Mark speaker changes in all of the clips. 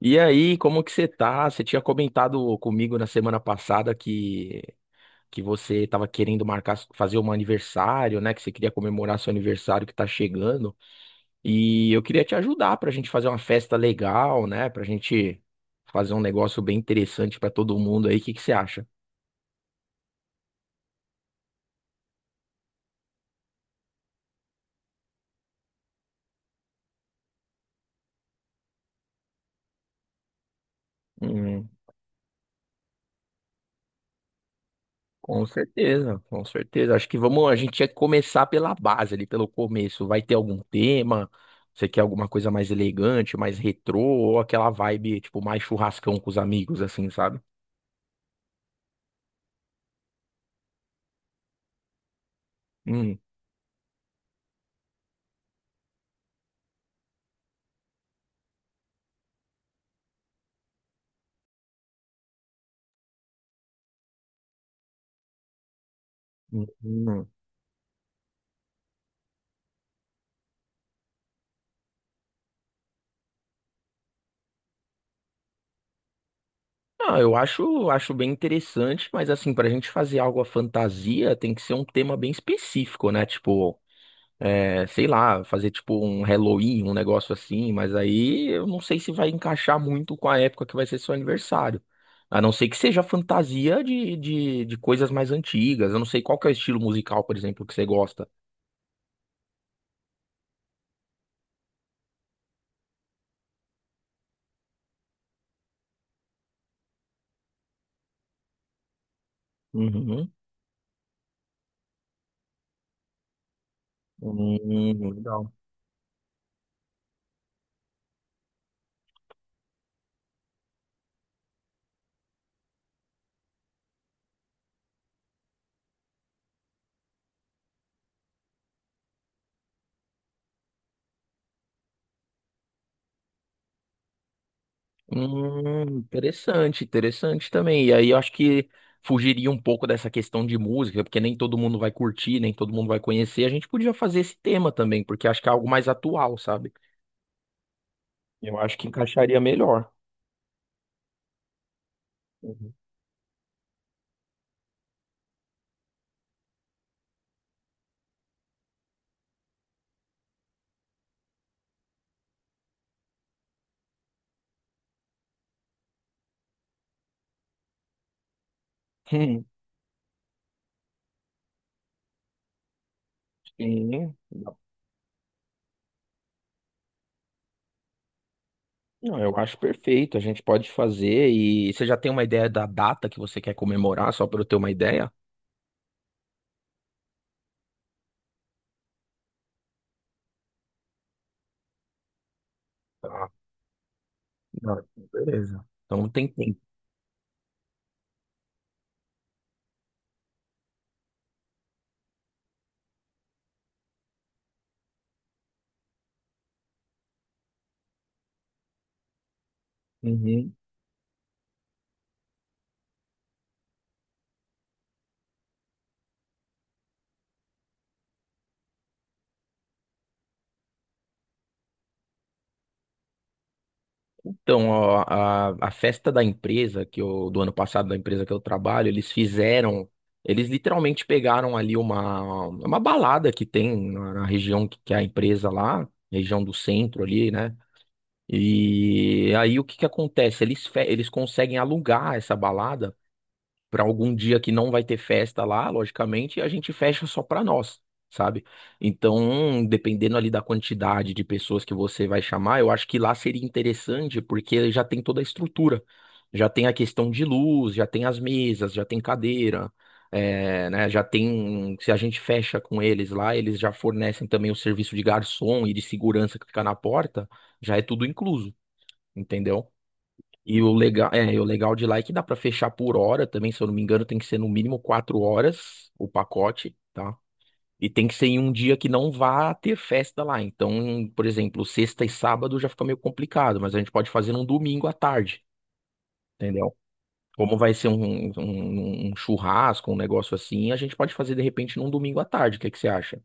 Speaker 1: E aí, como que você tá? Você tinha comentado comigo na semana passada que você estava querendo marcar, fazer um aniversário, né? Que você queria comemorar seu aniversário que tá chegando. E eu queria te ajudar pra gente fazer uma festa legal, né? Pra gente fazer um negócio bem interessante pra todo mundo aí. O que que você acha? Hum. Com certeza, com certeza. Acho que vamos, a gente tinha que começar pela base ali, pelo começo. Vai ter algum tema? Você quer alguma coisa mais elegante, mais retrô, ou aquela vibe, tipo, mais churrascão com os amigos, assim, sabe? Hum, hum, hum. Ah, eu acho bem interessante, mas assim, pra gente fazer algo à fantasia, tem que ser um tema bem específico, né? Tipo, é, sei lá, fazer tipo um Halloween, um negócio assim, mas aí eu não sei se vai encaixar muito com a época que vai ser seu aniversário. A não ser que seja fantasia de coisas mais antigas. Eu não sei qual que é o estilo musical, por exemplo, que você gosta. Uhum. Legal. Interessante, interessante também. E aí eu acho que fugiria um pouco dessa questão de música, porque nem todo mundo vai curtir, nem todo mundo vai conhecer. A gente podia fazer esse tema também, porque acho que é algo mais atual, sabe? Eu acho que encaixaria melhor. Uhum. Hum, sim. Não, eu acho perfeito. A gente pode fazer. E você já tem uma ideia da data que você quer comemorar, só para eu ter uma ideia? Tá. Não, beleza. Então não tem tempo. Uhum. Então, ó, a festa da empresa que eu, do ano passado, da empresa que eu trabalho, eles fizeram, eles literalmente pegaram ali uma balada que tem na região que é a empresa lá, região do centro ali, né? E aí o que que acontece? Eles conseguem alugar essa balada para algum dia que não vai ter festa lá, logicamente, e a gente fecha só para nós, sabe? Então, dependendo ali da quantidade de pessoas que você vai chamar, eu acho que lá seria interessante porque já tem toda a estrutura. Já tem a questão de luz, já tem as mesas, já tem cadeira, é, né? Já tem. Se a gente fecha com eles lá, eles já fornecem também o serviço de garçom e de segurança que fica na porta, já é tudo incluso, entendeu? E o legal de lá é que dá pra fechar por hora também, se eu não me engano, tem que ser no mínimo 4 horas o pacote, tá? E tem que ser em um dia que não vá ter festa lá. Então, por exemplo, sexta e sábado já fica meio complicado, mas a gente pode fazer num domingo à tarde, entendeu? Como vai ser um churrasco, um negócio assim, a gente pode fazer de repente num domingo à tarde. O que que você acha?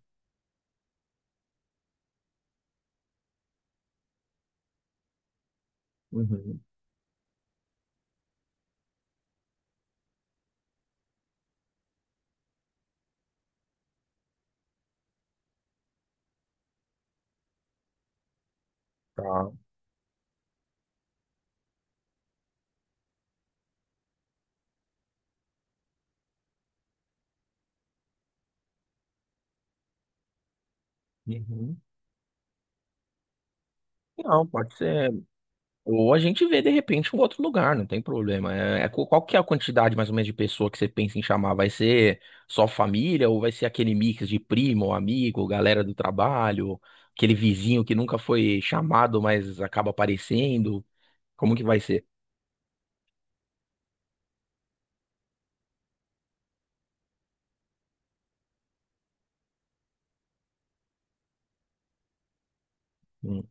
Speaker 1: Uhum. Tá. Uhum. Não, pode ser. Ou a gente vê de repente um outro lugar, não tem problema. É, qual que é a quantidade mais ou menos de pessoa que você pensa em chamar? Vai ser só família ou vai ser aquele mix de primo, amigo, galera do trabalho, aquele vizinho que nunca foi chamado, mas acaba aparecendo? Como que vai ser? Hum,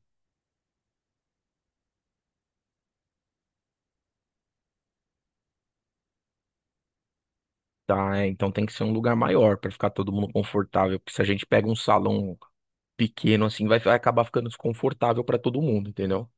Speaker 1: tá, é, então tem que ser um lugar maior para ficar todo mundo confortável, porque se a gente pega um salão pequeno assim, vai acabar ficando desconfortável para todo mundo, entendeu?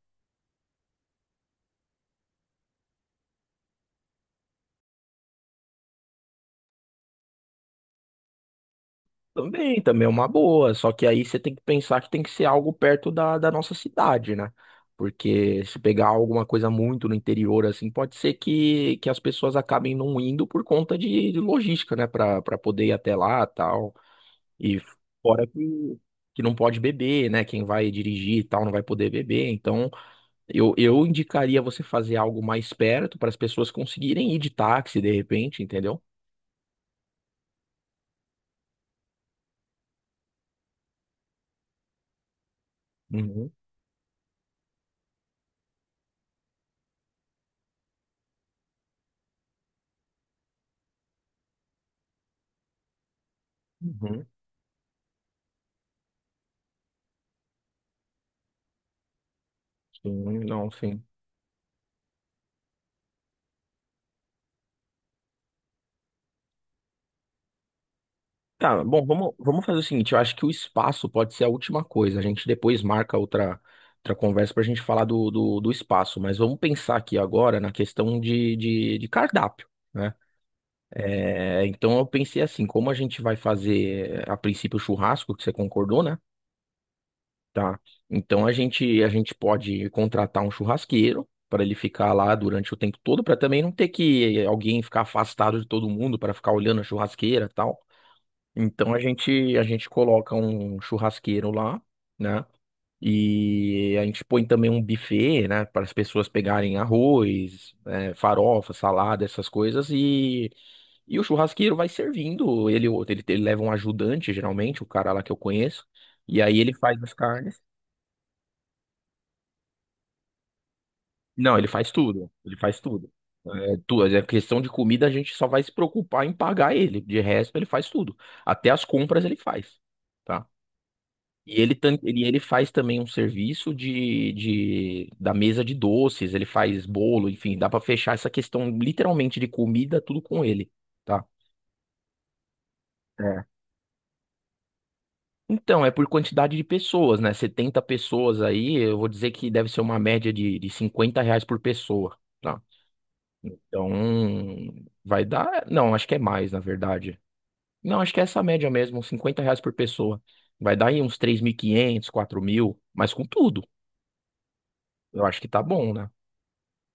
Speaker 1: Também, também é uma boa, só que aí você tem que pensar que tem que ser algo perto da nossa cidade, né? Porque se pegar alguma coisa muito no interior, assim, pode ser que as pessoas acabem não indo por conta de logística, né? Pra poder ir até lá tal. E fora que não pode beber, né? Quem vai dirigir e tal não vai poder beber. Então, eu indicaria você fazer algo mais perto para as pessoas conseguirem ir de táxi, de repente, entendeu? Uhum, uhum. Sim, não, sim. Tá, bom, vamos fazer o seguinte, eu acho que o espaço pode ser a última coisa. A gente depois marca outra conversa pra gente falar do espaço, mas vamos pensar aqui agora na questão de cardápio, né? É, então eu pensei assim, como a gente vai fazer a princípio o churrasco, que você concordou, né? Tá. Então a gente pode contratar um churrasqueiro para ele ficar lá durante o tempo todo, para também não ter que alguém ficar afastado de todo mundo para ficar olhando a churrasqueira e tal. Então a gente coloca um churrasqueiro lá, né? E a gente põe também um buffet, né, para as pessoas pegarem arroz, farofa, salada, essas coisas e o churrasqueiro vai servindo, ele leva um ajudante, geralmente, o cara lá que eu conheço, e aí ele faz as carnes. Não, ele faz tudo, ele faz tudo. É questão de comida, a gente só vai se preocupar em pagar ele, de resto ele faz tudo. Até as compras ele faz, tá? E ele faz também um serviço de da mesa de doces, ele faz bolo, enfim, dá pra fechar essa questão literalmente de comida, tudo com ele, tá? É. Então, é por quantidade de pessoas, né? 70 pessoas aí, eu vou dizer que deve ser uma média de R$ 50 por pessoa, tá? Então, vai dar. Não, acho que é mais, na verdade. Não, acho que é essa média mesmo, R$ 50 por pessoa. Vai dar aí uns 3.500, 4.000 mas com tudo. Eu acho que tá bom, né?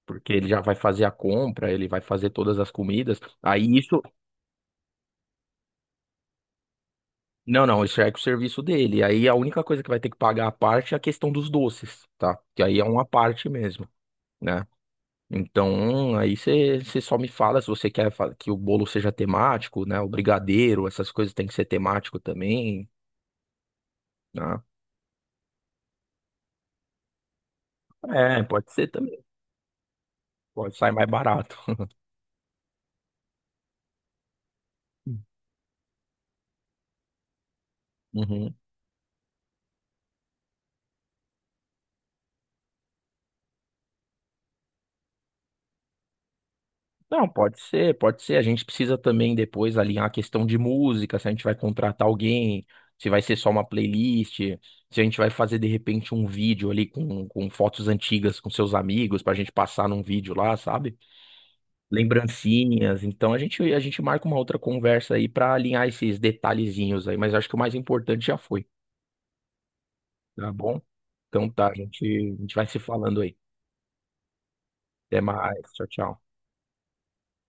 Speaker 1: Porque ele já vai fazer a compra, ele vai fazer todas as comidas. Aí isso, não, não, isso já é com o serviço dele. Aí a única coisa que vai ter que pagar à parte é a questão dos doces, tá? Que aí é uma parte mesmo, né? Então, aí você só me fala se você quer que o bolo seja temático, né? O brigadeiro, essas coisas tem que ser temático também, né? É, pode ser também. Pode sair mais barato. Uhum. Não, pode ser, pode ser. A gente precisa também depois alinhar a questão de música, se a gente vai contratar alguém, se vai ser só uma playlist, se a gente vai fazer de repente um vídeo ali com fotos antigas com seus amigos pra gente passar num vídeo lá, sabe? Lembrancinhas. Então a gente marca uma outra conversa aí pra alinhar esses detalhezinhos aí, mas acho que o mais importante já foi, tá bom? Então tá, a gente vai se falando aí. Até mais, tchau, tchau.